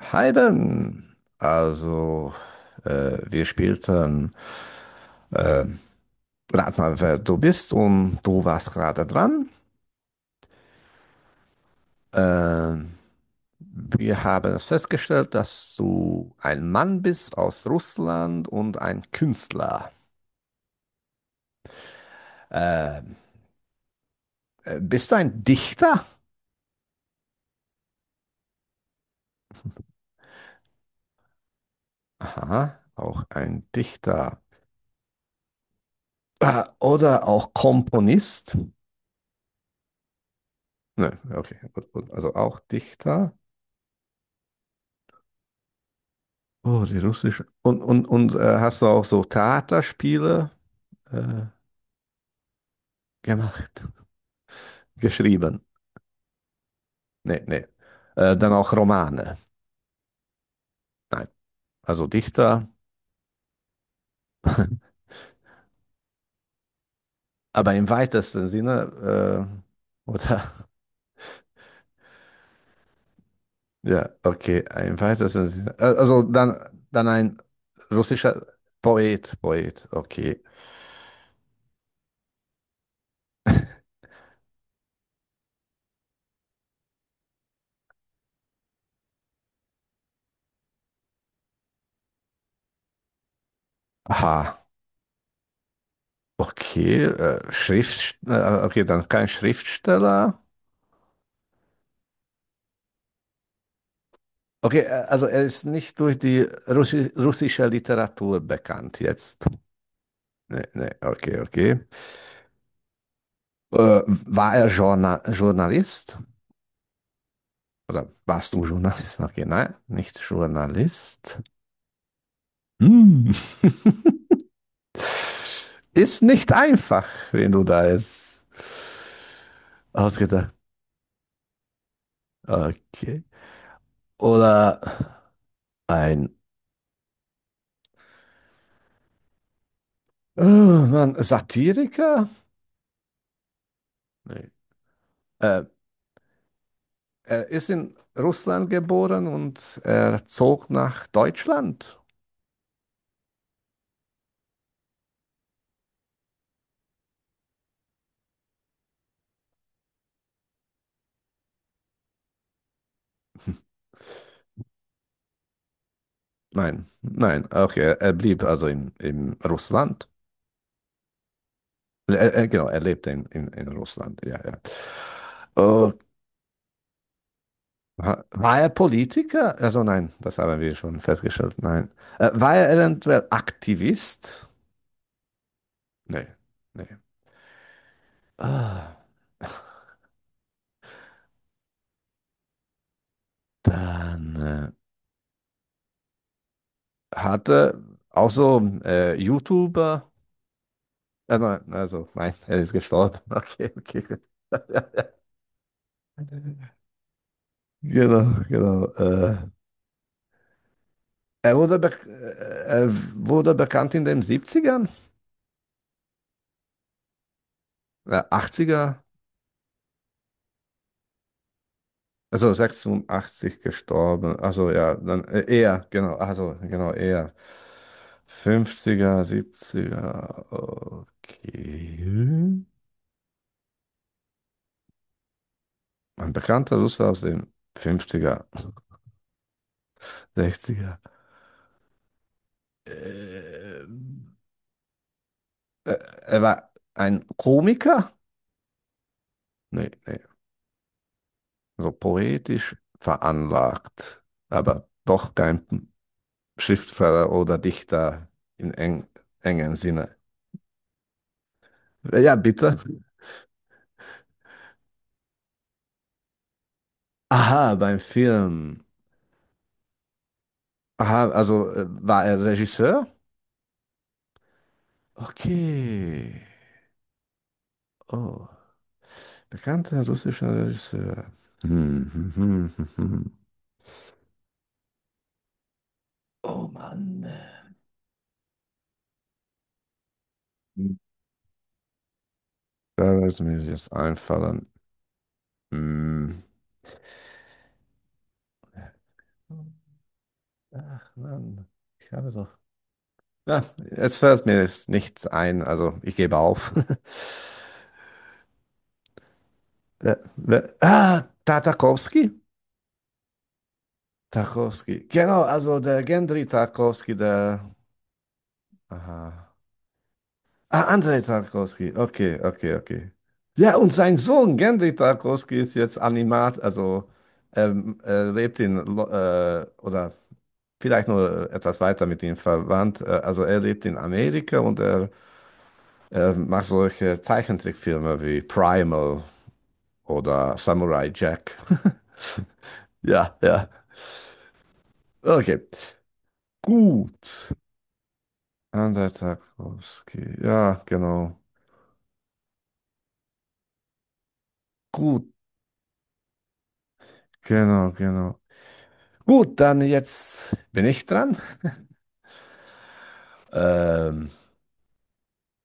Hi Ben. Wir spielten äh, rat mal, wer du bist und du warst gerade dran. Äh, Wir haben es festgestellt, dass du ein Mann bist aus Russland und ein Künstler. Äh, bist du ein Dichter? Aha, auch ein Dichter. Oder auch Komponist? Ne, okay, gut, gut. Also auch Dichter. Oh, die russische. Und hast du auch so Theaterspiele äh, gemacht? Geschrieben? Nee, nee. Dann auch Romane? Nein. Also Dichter, aber im weitesten Sinne, oder? Ja, okay, im weitesten Sinne. Also dann, dann ein russischer Poet, okay. Aha, okay. Okay, dann kein Schriftsteller. Okay, also er ist nicht durch die russische Literatur bekannt jetzt. Nee, nee, okay, okay. War er Journalist? Oder warst du Journalist? Okay, nein, nicht Journalist. Hm. Ist nicht einfach, wenn du da jetzt ausgedacht. Okay. Oder ein, oh Mann, Satiriker? Nee. Äh, Er ist in Russland geboren und er zog nach Deutschland. Nein, nein, okay, er blieb also in Russland. Genau, er lebte in Russland, ja, ja. Oh, war er Politiker? Also nein, das haben wir schon festgestellt, nein. War er eventuell Aktivist? Nee, nee. Ah, dann hat er auch so YouTuber. Nein, also nein, er ist gestorben. Okay, okay. Genau, genau. Er wurde bekannt in den Siebzigern, ern 80 also 86 gestorben. Also ja, dann eher, genau, also genau, eher. Fünfziger, siebziger. Okay. Ein bekannter Russe aus den fünfziger, sechziger. er Äh, äh, Er war ein Komiker? Nee, nee. So poetisch veranlagt, aber doch kein Schriftsteller oder Dichter im eng, engen Sinne. Ja, bitte. Aha, beim Film. Aha, also war er Regisseur? Okay. Oh, bekannter russischer Regisseur. Hm, hm, hm, hm, hm. Oh Mann. Da wird mir jetzt einfallen. Hm. Ach Mann, ich habe doch ja, jetzt fällt mir jetzt nichts ein, also ich gebe auf. Tartakowski? Tarkowski. Genau, also der Gendry Tarkovsky der. Aha. Ah, Andrei Tarkowski. Okay, okay, okay. Ja, und sein Sohn Gendry Tarkovsky ist jetzt Animat, also er lebt in, oder vielleicht nur etwas weiter mit ihm verwandt. Also er lebt in Amerika und er macht solche Zeichentrickfilme wie Primal oder Samurai Jack. Ja, ja. Okay. Gut. Andertag Tarkowski. Ja, genau. Gut, genau, genau. Gut, dann jetzt bin ich dran. Ähm,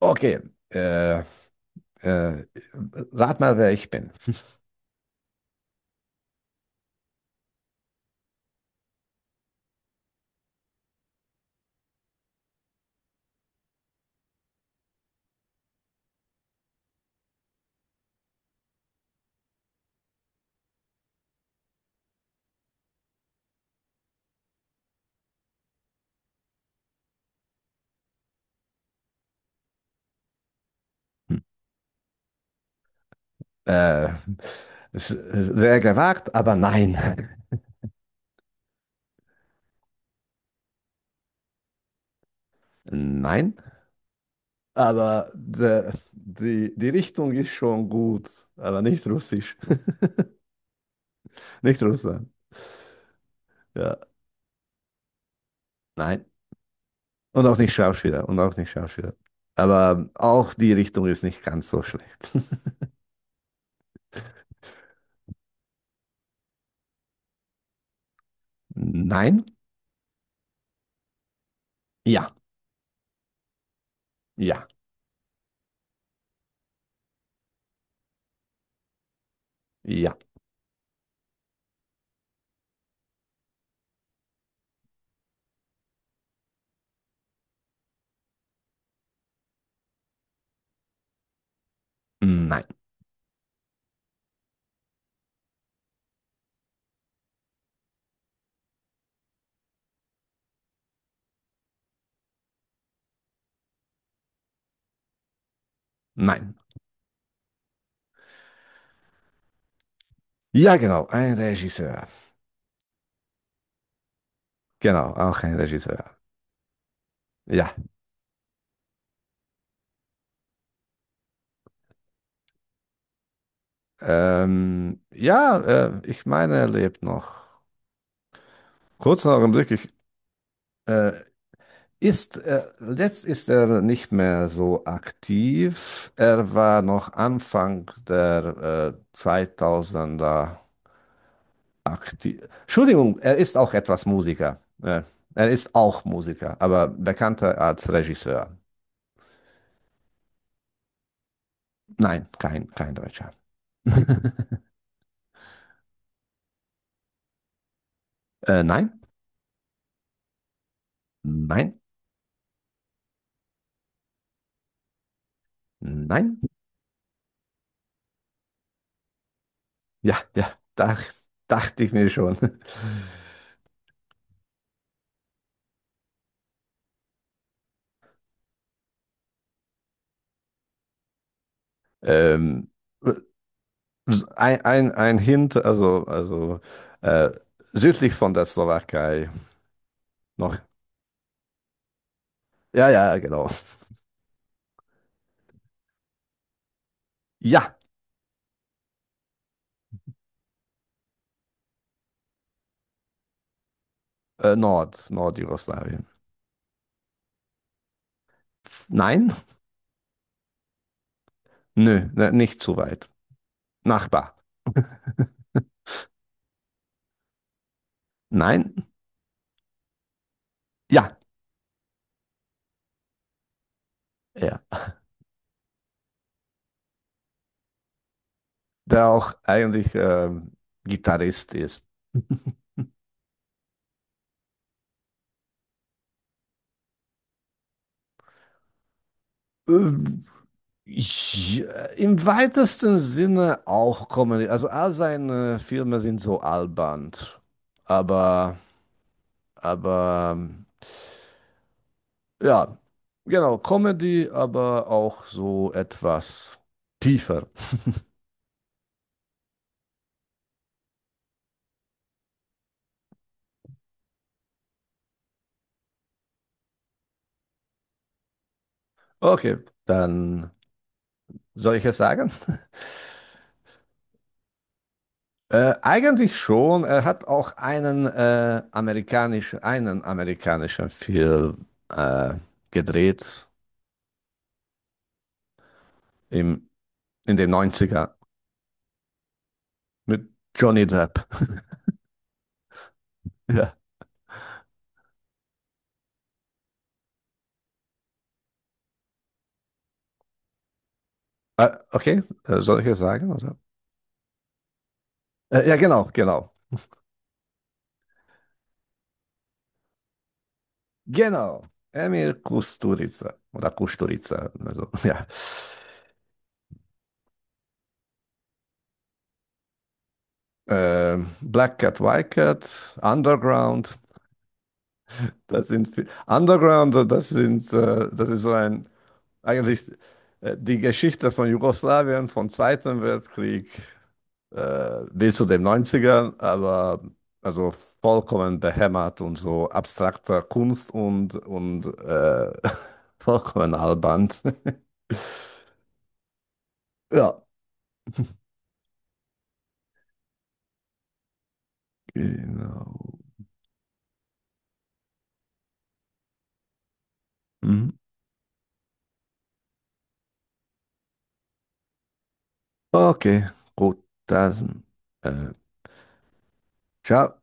okay. Äh, äh, rat mal, wer ich bin. Hm. Äh, sehr gewagt, aber nein. Nein. Aber die Richtung ist schon gut, aber nicht russisch. Nicht Russland. Ja. Nein. Und auch nicht Schauspieler. Und auch nicht Schauspieler. Aber auch die Richtung ist nicht ganz so schlecht. Nein. Ja. Ja. Ja. Nein. Nein. Ja, genau. Ein Regisseur. Genau. Auch ein Regisseur. Ja. Ja, ich meine, er lebt noch. Kurz noch im Blick, ich, äh, letzt ist er nicht mehr so aktiv. Er war noch Anfang der 2000er Akti Entschuldigung, er ist auch etwas Musiker. Er ist auch Musiker, aber bekannter als Regisseur. Nein, kein Deutscher. Nein, nein, nein. Ja, ja, dachte ich mir schon. Ähm, ein Hint, also äh, südlich von der Slowakei noch. Ja, ja, genau. Ja, Nordjugoslawien. Nein, nö, ne, nicht zu weit. Nachbar. Nein? Ja, er. Der auch eigentlich Gitarrist ist. Ähm, Ich, im weitesten Sinne auch Comedy. Also all seine Filme sind so albern. Aber, aber, ähm, ja, genau, Comedy, aber auch so etwas tiefer. Okay, dann soll ich es sagen? Eigentlich schon. Er hat auch einen amerikanischen Film gedreht im, in den Neunziger mit Johnny Depp. Ja. Okay, soll ich es sagen? Oder? Ja, genau, genau. Genau. Emir Kusturica. Oder Kusturica. Also, ja. Black Cat, White Cat, Underground. Underground, das ist so ein eigentlich die Geschichte von Jugoslawien vom Zweiten Weltkrieg bis zu den Neunzigern, aber also vollkommen behämmert und so abstrakter Kunst und vollkommen albern. Ja, genau. Mhm. Okay, gut, dann äh, ciao.